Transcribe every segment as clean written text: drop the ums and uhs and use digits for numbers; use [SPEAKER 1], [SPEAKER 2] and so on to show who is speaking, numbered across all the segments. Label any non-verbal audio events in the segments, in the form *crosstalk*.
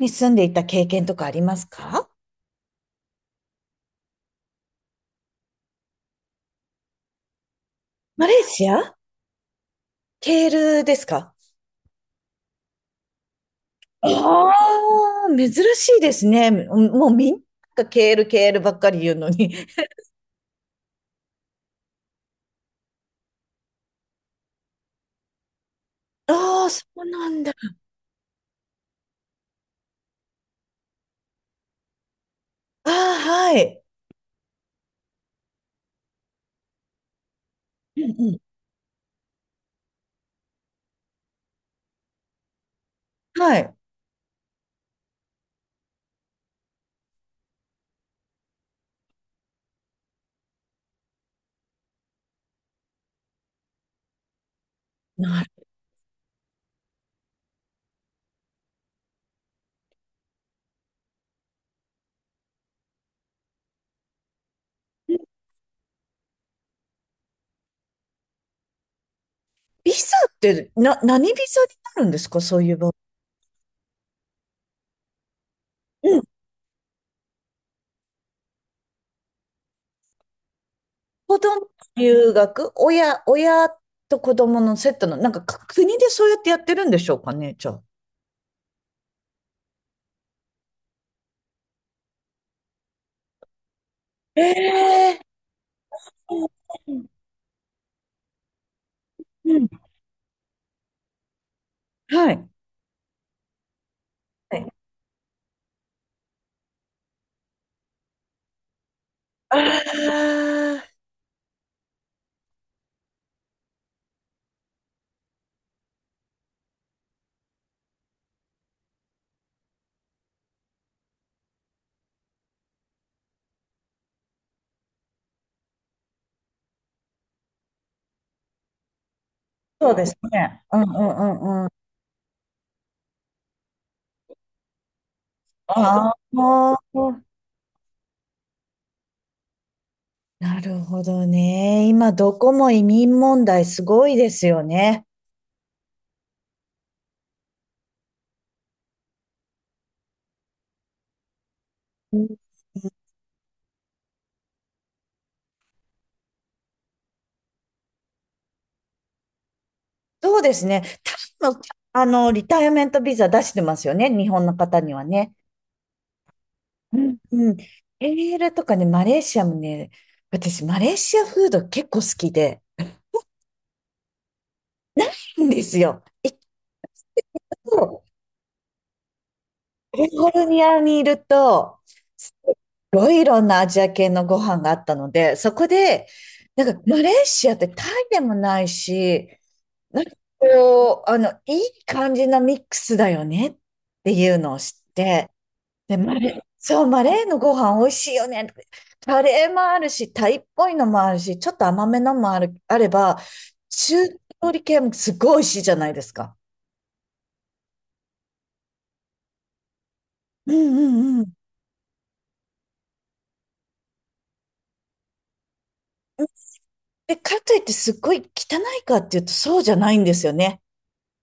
[SPEAKER 1] に住んでいた経験とかありますか？マレーシア、ケールですか？ああー、珍しいですね。もうみんながケール、ケールばっかり言うのに。ああ、そうなんだ。ああ、はい。うんうん。はい。なるビザって、何ビザになるんですか、そういう場合？うん。子供留学、親と子供のセットの、なんかか国でそうやってやってるんでしょうかね、じゃあ。ええうん。うんはい。*laughs* ああ、そうですね。うんうんうんうん。ああ、なるほどね。今、どこも移民問題すごいですよね。うん、そうですね。多分、あの、リタイアメントビザ出してますよね。日本の方にはね。うんうん。PL とかね、マレーシアもね、私、マレーシアフード結構好きで、ないんですよ。一個、カリフォルニアにいると、ろいろなアジア系のご飯があったので、そこで、なんかマレーシアってタイでもないし、なんかこう、あの、いい感じのミックスだよねっていうのを知って、で、マレーのご飯美味しいよね。カレーもあるし、タイっぽいのもあるし、ちょっと甘めのもある、あれば、中料理系もすごい美味しいじゃないですか。うんうんうん。で、かといってすっごい汚いかっていうとそうじゃないんですよね、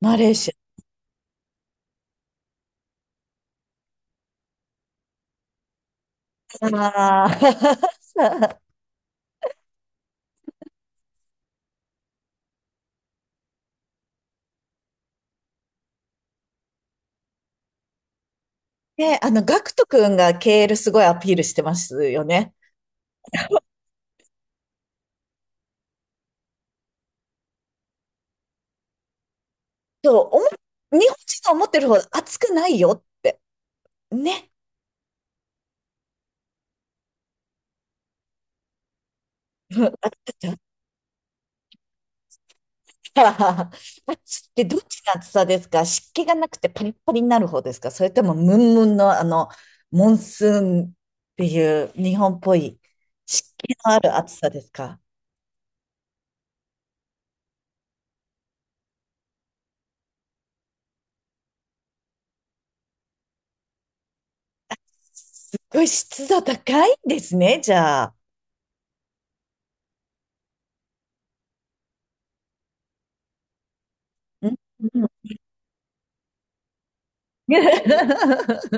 [SPEAKER 1] マレーシア。ああ。*laughs* で、あの、ガクト君が KL すごいアピールしてますよね。そう、おも、日本人が思ってるほど熱くないよって。ね。*laughs* うんあ熱ってどっちの熱さですか？湿気がなくてパリッパリになる方ですか？それともムンムンの、あの、モンスーンっていう日本っぽい湿気のある暑さですか？すっごい湿度高いんですね、じゃあ。うんうん。 *laughs*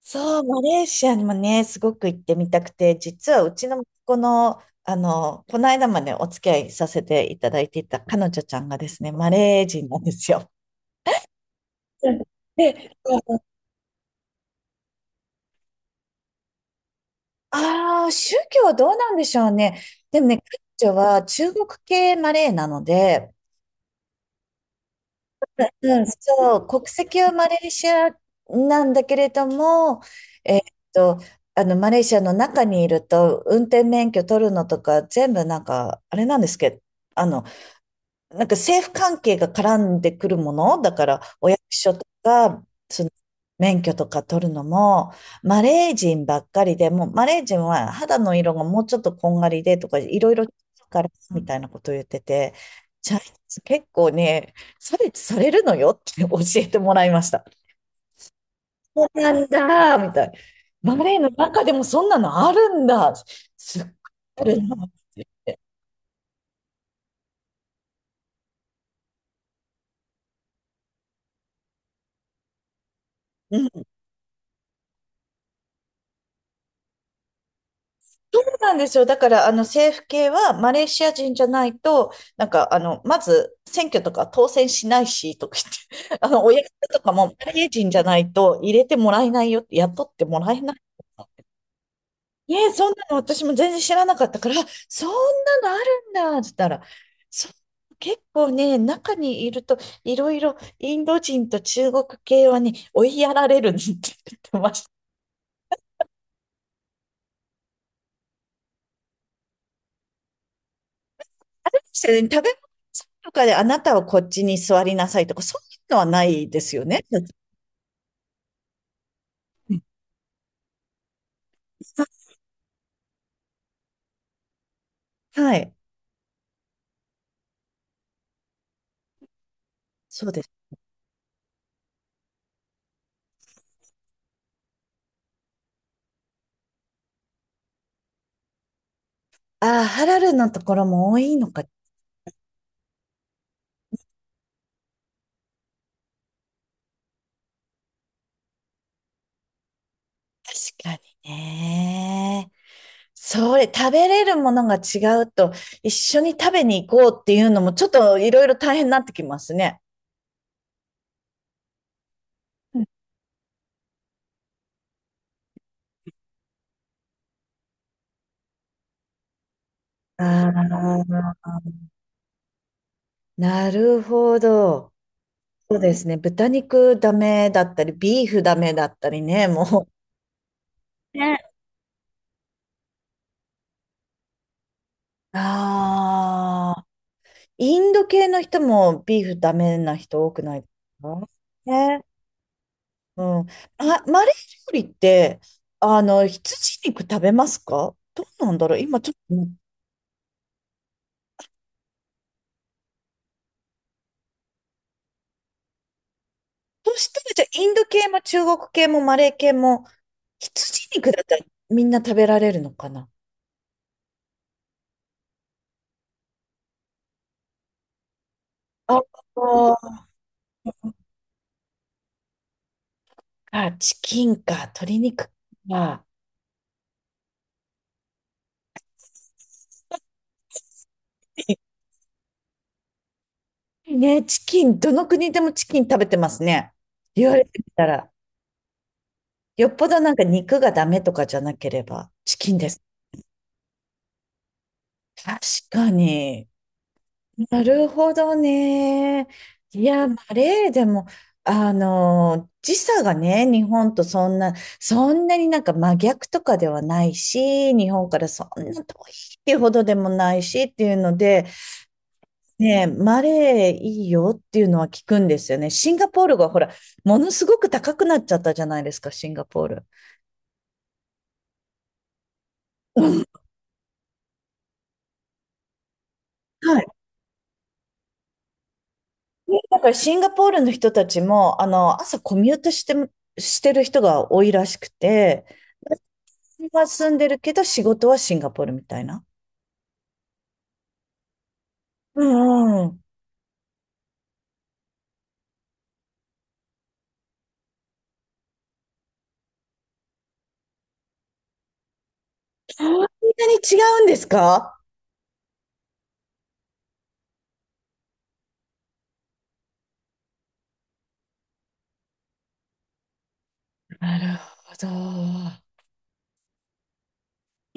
[SPEAKER 1] そう、マレーシアにもね、すごく行ってみたくて、実はうちの子の、あの、この間までお付き合いさせていただいていた彼女ちゃんがですね、マレー人なんですよ。*laughs* うん、で、ああ、宗教はどうなんでしょうね。でもね、彼女は中国系マレーなので、うん、そう、国籍はマレーシアなんだけれども、えーっと、あの、マレーシアの中にいると、運転免許取るのとか、全部なんか、あれなんですけど、あの、なんか政府関係が絡んでくるもの、だからお役所とか、その免許とか取るのも、マレー人ばっかりで、もうマレー人は肌の色がもうちょっとこんがりでとか、いろいろ違うからみたいなことを言ってて、チャイニーズ結構ね、差別されるのよって教えてもらいました。そうなんだ、みたいな。マレーの中でもそんなのあるんだ、すっごいあるなって言って。うんなんですよ。だから、あの、政府系はマレーシア人じゃないと、なんか、あの、まず、選挙とか当選しないし、とか言って、*laughs* あの、お役所とかもマレー人じゃないと入れてもらえないよって、雇ってもらえない。ええ、そんなの私も全然知らなかったから、あ、そんなのあるんだ、って言ったら、そう、結構ね、中にいると、いろいろインド人と中国系はね、追いやられるって言ってましあれですよね、食べ物とかであなたはこっちに座りなさいとか、そういうのはないですよね。はい。そうです。ああ、ハラルのところも多いのか。確かにね。それ、食べれるものが違うと、一緒に食べに行こうっていうのも、ちょっといろいろ大変になってきますね。ああ、なるほど。そうですね。豚肉ダメだったり、ビーフダメだったりね、もう。ね。ああ。インド系の人もビーフダメな人多くないですかね？うん。あ、マレー料理って、あの、羊肉食べますか？どうなんだろう今ちょっと、そしたらじゃあインド系も中国系もマレー系も羊肉だったらみんな食べられるのかな？ああ、チキンか、鶏肉か。ね、チキン、どの国でもチキン食べてますね、言われてみたら。よっぽどなんか肉がダメとかじゃなければ、チキンです。確かに。なるほどね。いや、マレーでも、あの、時差がね、日本とそんなになんか真逆とかではないし、日本からそんな遠いっていうほどでもないしっていうので、ね、マレーいいよっていうのは聞くんですよね。シンガポールがほら、ものすごく高くなっちゃったじゃないですか、シンガポール。うん、はい、ね、だからシンガポールの人たちも、あの、朝コミュートして、してる人が多いらしくて、今住んでるけど仕事はシンガポールみたいな。うんうん。そんなに違うんですか？なるほど。